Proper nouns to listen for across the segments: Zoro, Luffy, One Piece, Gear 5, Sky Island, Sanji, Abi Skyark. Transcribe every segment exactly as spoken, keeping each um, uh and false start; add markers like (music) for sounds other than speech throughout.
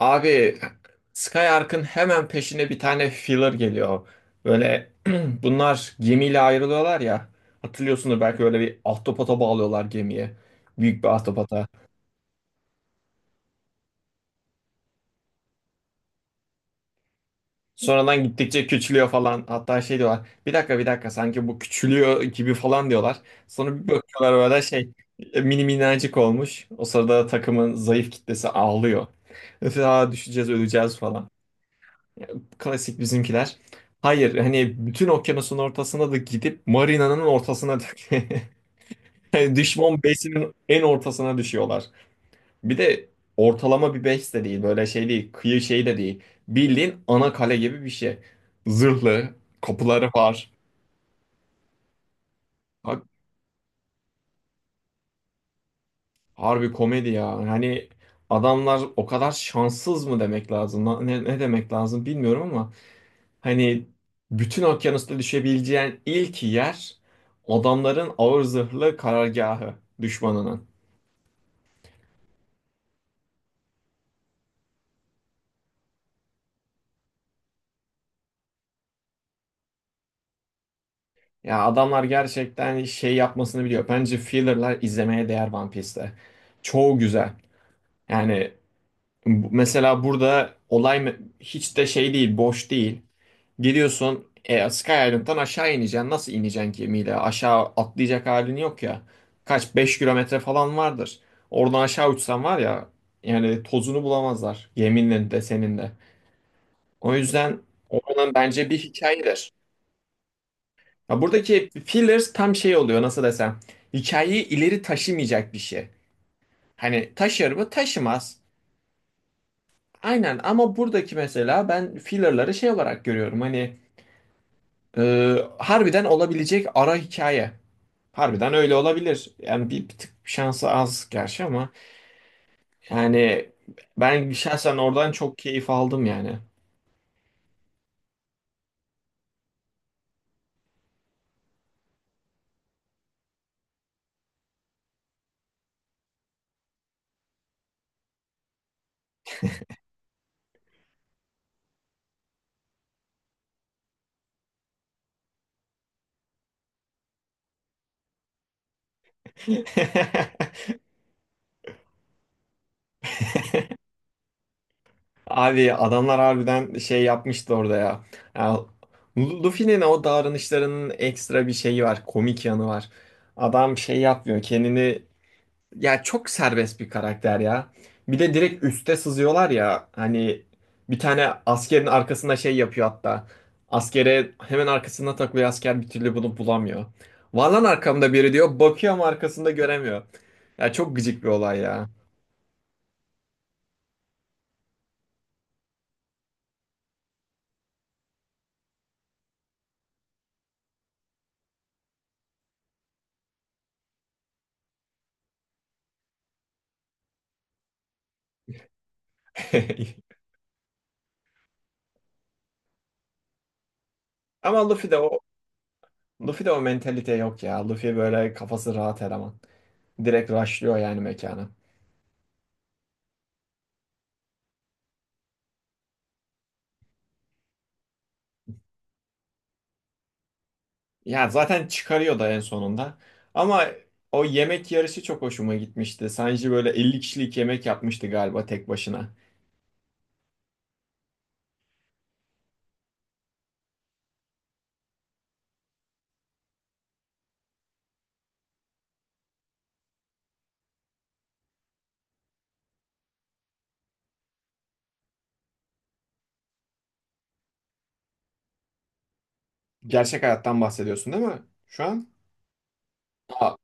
Abi Skyark'ın hemen peşine bir tane filler geliyor. Böyle (clears throat) bunlar gemiyle ayrılıyorlar ya. Hatırlıyorsunuz belki öyle bir ahtapota bağlıyorlar gemiye. Büyük bir ahtapota. Sonradan gittikçe küçülüyor falan. Hatta şey diyorlar. Bir dakika bir dakika sanki bu küçülüyor gibi falan diyorlar. Sonra bir bakıyorlar böyle şey e, mini minnacık olmuş. O sırada takımın zayıf kitlesi ağlıyor. Mesela düşeceğiz öleceğiz falan. Klasik bizimkiler. Hayır hani bütün okyanusun ortasına da gidip marinanın ortasına (laughs) yani düşman base'inin en ortasına düşüyorlar. Bir de ortalama bir base de değil, böyle şey değil, kıyı şey de değil. Bildiğin ana kale gibi bir şey. Zırhlı kapıları var. Ha- Harbi komedi ya. Hani adamlar o kadar şanssız mı demek lazım? Ne, ne demek lazım bilmiyorum ama hani bütün okyanusta düşebileceğin ilk yer adamların ağır zırhlı karargahı, düşmanının. Ya adamlar gerçekten şey yapmasını biliyor. Bence filler'lar izlemeye değer One Piece'te. Çoğu güzel. Yani bu- mesela burada olay me- hiç de şey değil, boş değil. Geliyorsun e, Sky Island'dan aşağı ineceksin. Nasıl ineceksin gemiyle? Aşağı atlayacak halin yok ya. Kaç beş kilometre falan vardır. Oradan aşağı uçsan var ya, yani tozunu bulamazlar. Yeminle de senin de. O yüzden oradan bence bir hikayedir. Ya buradaki fillers tam şey oluyor, nasıl desem. Hikayeyi ileri taşımayacak bir şey. Hani taşır mı? Taşımaz. Aynen ama buradaki mesela ben fillerları şey olarak görüyorum. Hani e, harbiden olabilecek ara hikaye. Harbiden öyle olabilir. Yani bir, bir tık şansı az gerçi ama yani ben şahsen oradan çok keyif aldım yani. (laughs) Abi adamlar harbiden şey yapmıştı orada ya. Ya, Luffy'nin o davranışlarının ekstra bir şeyi var, komik yanı var. Adam şey yapmıyor, kendini, ya çok serbest bir karakter ya. Bir de direkt üste sızıyorlar ya. Hani bir tane askerin arkasında şey yapıyor hatta. Askere hemen arkasında takılıyor, asker bir türlü bunu bulamıyor. Var lan arkamda biri diyor. Bakıyor ama arkasında göremiyor. Ya çok gıcık bir olay ya. (laughs) Ama Luffy de o Luffy de o mentalite yok ya. Luffy böyle kafası rahat eleman. Direkt rushlıyor yani mekana. Ya zaten çıkarıyor da en sonunda. Ama o yemek yarışı çok hoşuma gitmişti. Sanji böyle elli kişilik yemek yapmıştı galiba tek başına. Gerçek hayattan bahsediyorsun değil mi? Şu an? Aa,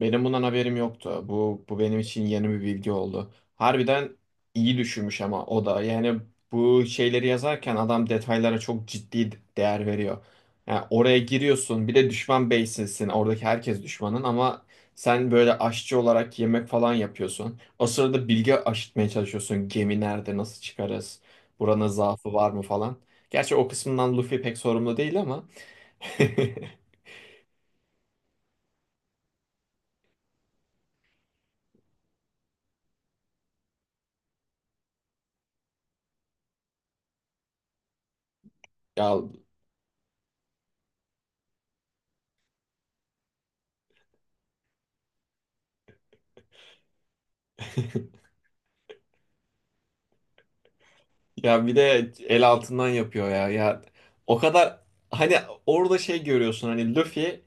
benim bundan haberim yoktu. Bu bu benim için yeni bir bilgi oldu. Harbiden iyi düşünmüş ama o da yani bu şeyleri yazarken adam detaylara çok ciddi değer veriyor. Yani oraya giriyorsun bir de düşman base'sin. Oradaki herkes düşmanın ama sen böyle aşçı olarak yemek falan yapıyorsun. O sırada bilgi aşıtmaya çalışıyorsun. Gemi nerede, nasıl çıkarız? Buranın zaafı var mı falan. Gerçi o kısmından Luffy pek sorumlu değil ama. (laughs) Ya, ya bir de el altından yapıyor ya. Ya o kadar, hani orada şey görüyorsun hani Luffy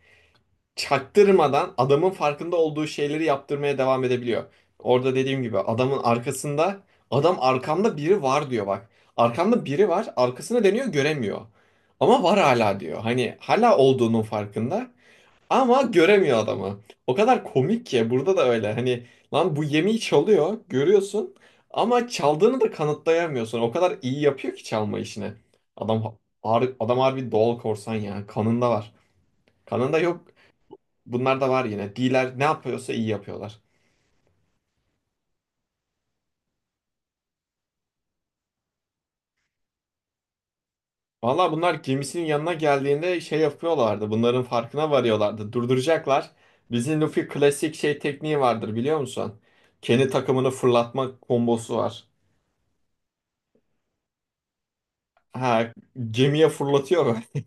çaktırmadan adamın farkında olduğu şeyleri yaptırmaya devam edebiliyor. Orada dediğim gibi adamın arkasında adam arkamda biri var diyor bak. Arkamda biri var, arkasına dönüyor göremiyor. Ama var hala diyor. Hani hala olduğunun farkında. Ama göremiyor adamı. O kadar komik ki burada da öyle. Hani lan bu yemeği çalıyor, görüyorsun ama çaldığını da kanıtlayamıyorsun. O kadar iyi yapıyor ki çalma işini. Adam har- adam harbi doğal korsan ya. Kanında var. Kanında yok. Bunlar da var yine. D'ler ne yapıyorsa iyi yapıyorlar. Valla bunlar gemisinin yanına geldiğinde şey yapıyorlardı. Bunların farkına varıyorlardı. Durduracaklar. Bizim Luffy klasik şey tekniği vardır biliyor musun? Kendi takımını fırlatma kombosu var. Ha, gemiye fırlatıyor. (laughs)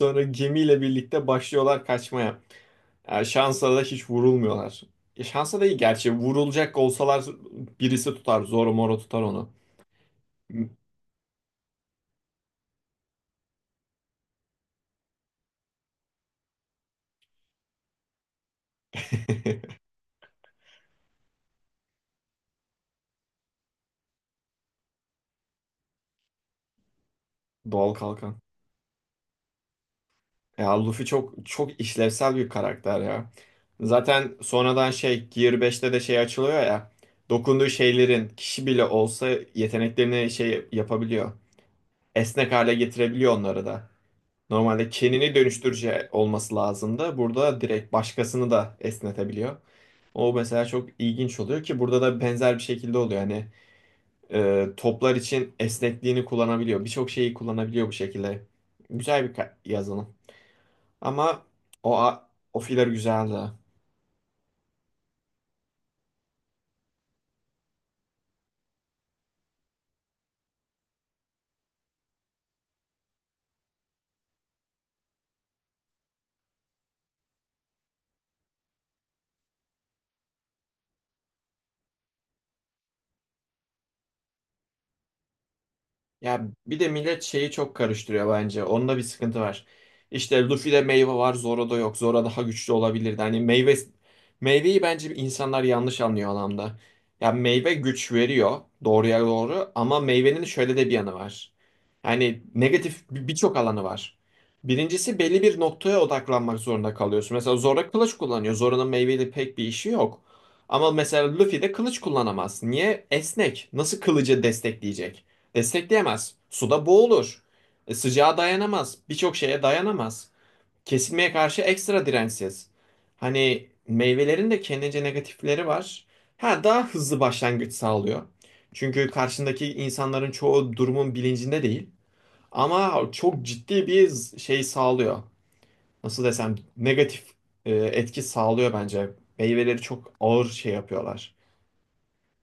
Sonra gemiyle birlikte başlıyorlar kaçmaya. Yani şansa da hiç vurulmuyorlar. E, şansa da iyi gerçi. Vurulacak olsalar birisi tutar. Zoro Moro tutar onu. (laughs) Doğal kalkan. Ya Luffy çok çok işlevsel bir karakter ya. Zaten sonradan şey Gear beşte de şey açılıyor ya. Dokunduğu şeylerin kişi bile olsa yeteneklerini şey yapabiliyor. Esnek hale getirebiliyor onları da. Normalde kendini dönüştürücü olması lazım da burada direkt başkasını da esnetebiliyor. O mesela çok ilginç oluyor ki burada da benzer bir şekilde oluyor. Hani e, toplar için esnekliğini kullanabiliyor. Birçok şeyi kullanabiliyor bu şekilde. Güzel bir ka- yazılım. Ama o, a- o filler güzeldi. Ya bir de millet şeyi çok karıştırıyor bence. Onda bir sıkıntı var. İşte Luffy'de meyve var, Zoro'da yok. Zoro daha güçlü olabilirdi. Hani meyve meyveyi bence insanlar yanlış anlıyor anlamda. Ya meyve güç veriyor doğruya doğru ama meyvenin şöyle de bir yanı var. Yani negatif bir- birçok alanı var. Birincisi belli bir noktaya odaklanmak zorunda kalıyorsun. Mesela Zoro kılıç kullanıyor. Zoro'nun meyveyle pek bir işi yok. Ama mesela Luffy de kılıç kullanamaz. Niye? Esnek. Nasıl kılıcı destekleyecek? Destekleyemez. Suda boğulur. E, sıcağa dayanamaz. Birçok şeye dayanamaz. Kesilmeye karşı ekstra dirençsiz. Hani meyvelerin de kendince negatifleri var. Ha daha hızlı başlangıç sağlıyor. Çünkü karşındaki insanların çoğu durumun bilincinde değil. Ama çok ciddi bir şey sağlıyor. Nasıl desem negatif e, etki sağlıyor bence. Meyveleri çok ağır şey yapıyorlar.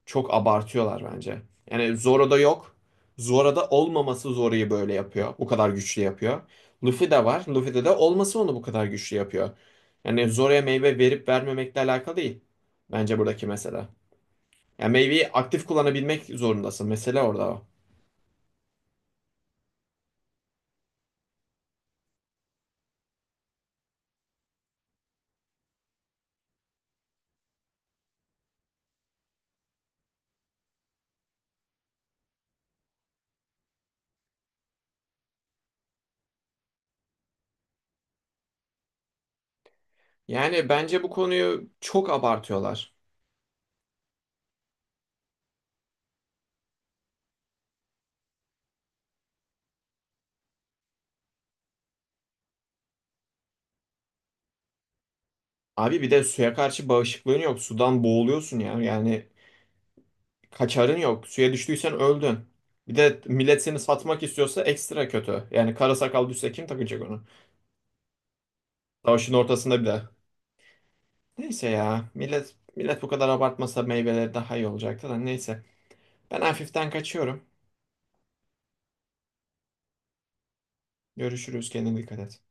Çok abartıyorlar bence. Yani Zoro'da yok. Zoro'da olmaması Zoro'yu böyle yapıyor. Bu kadar güçlü yapıyor. Luffy'de var. Luffy'de de olması onu bu kadar güçlü yapıyor. Yani Zoro'ya meyve verip vermemekle alakalı değil. Bence buradaki mesele. Yani meyveyi aktif kullanabilmek zorundasın. Mesele orada o. Yani bence bu konuyu çok abartıyorlar. Abi bir de suya karşı bağışıklığın yok. Sudan boğuluyorsun ya. Yani kaçarın yok. Suya düştüysen öldün. Bir de millet seni satmak istiyorsa ekstra kötü. Yani kara sakal düşse kim takacak onu? Savaşın ortasında bir de. Neyse ya. Millet millet bu kadar abartmasa meyveleri daha iyi olacaktı da neyse. Ben hafiften kaçıyorum. Görüşürüz. Kendine dikkat et.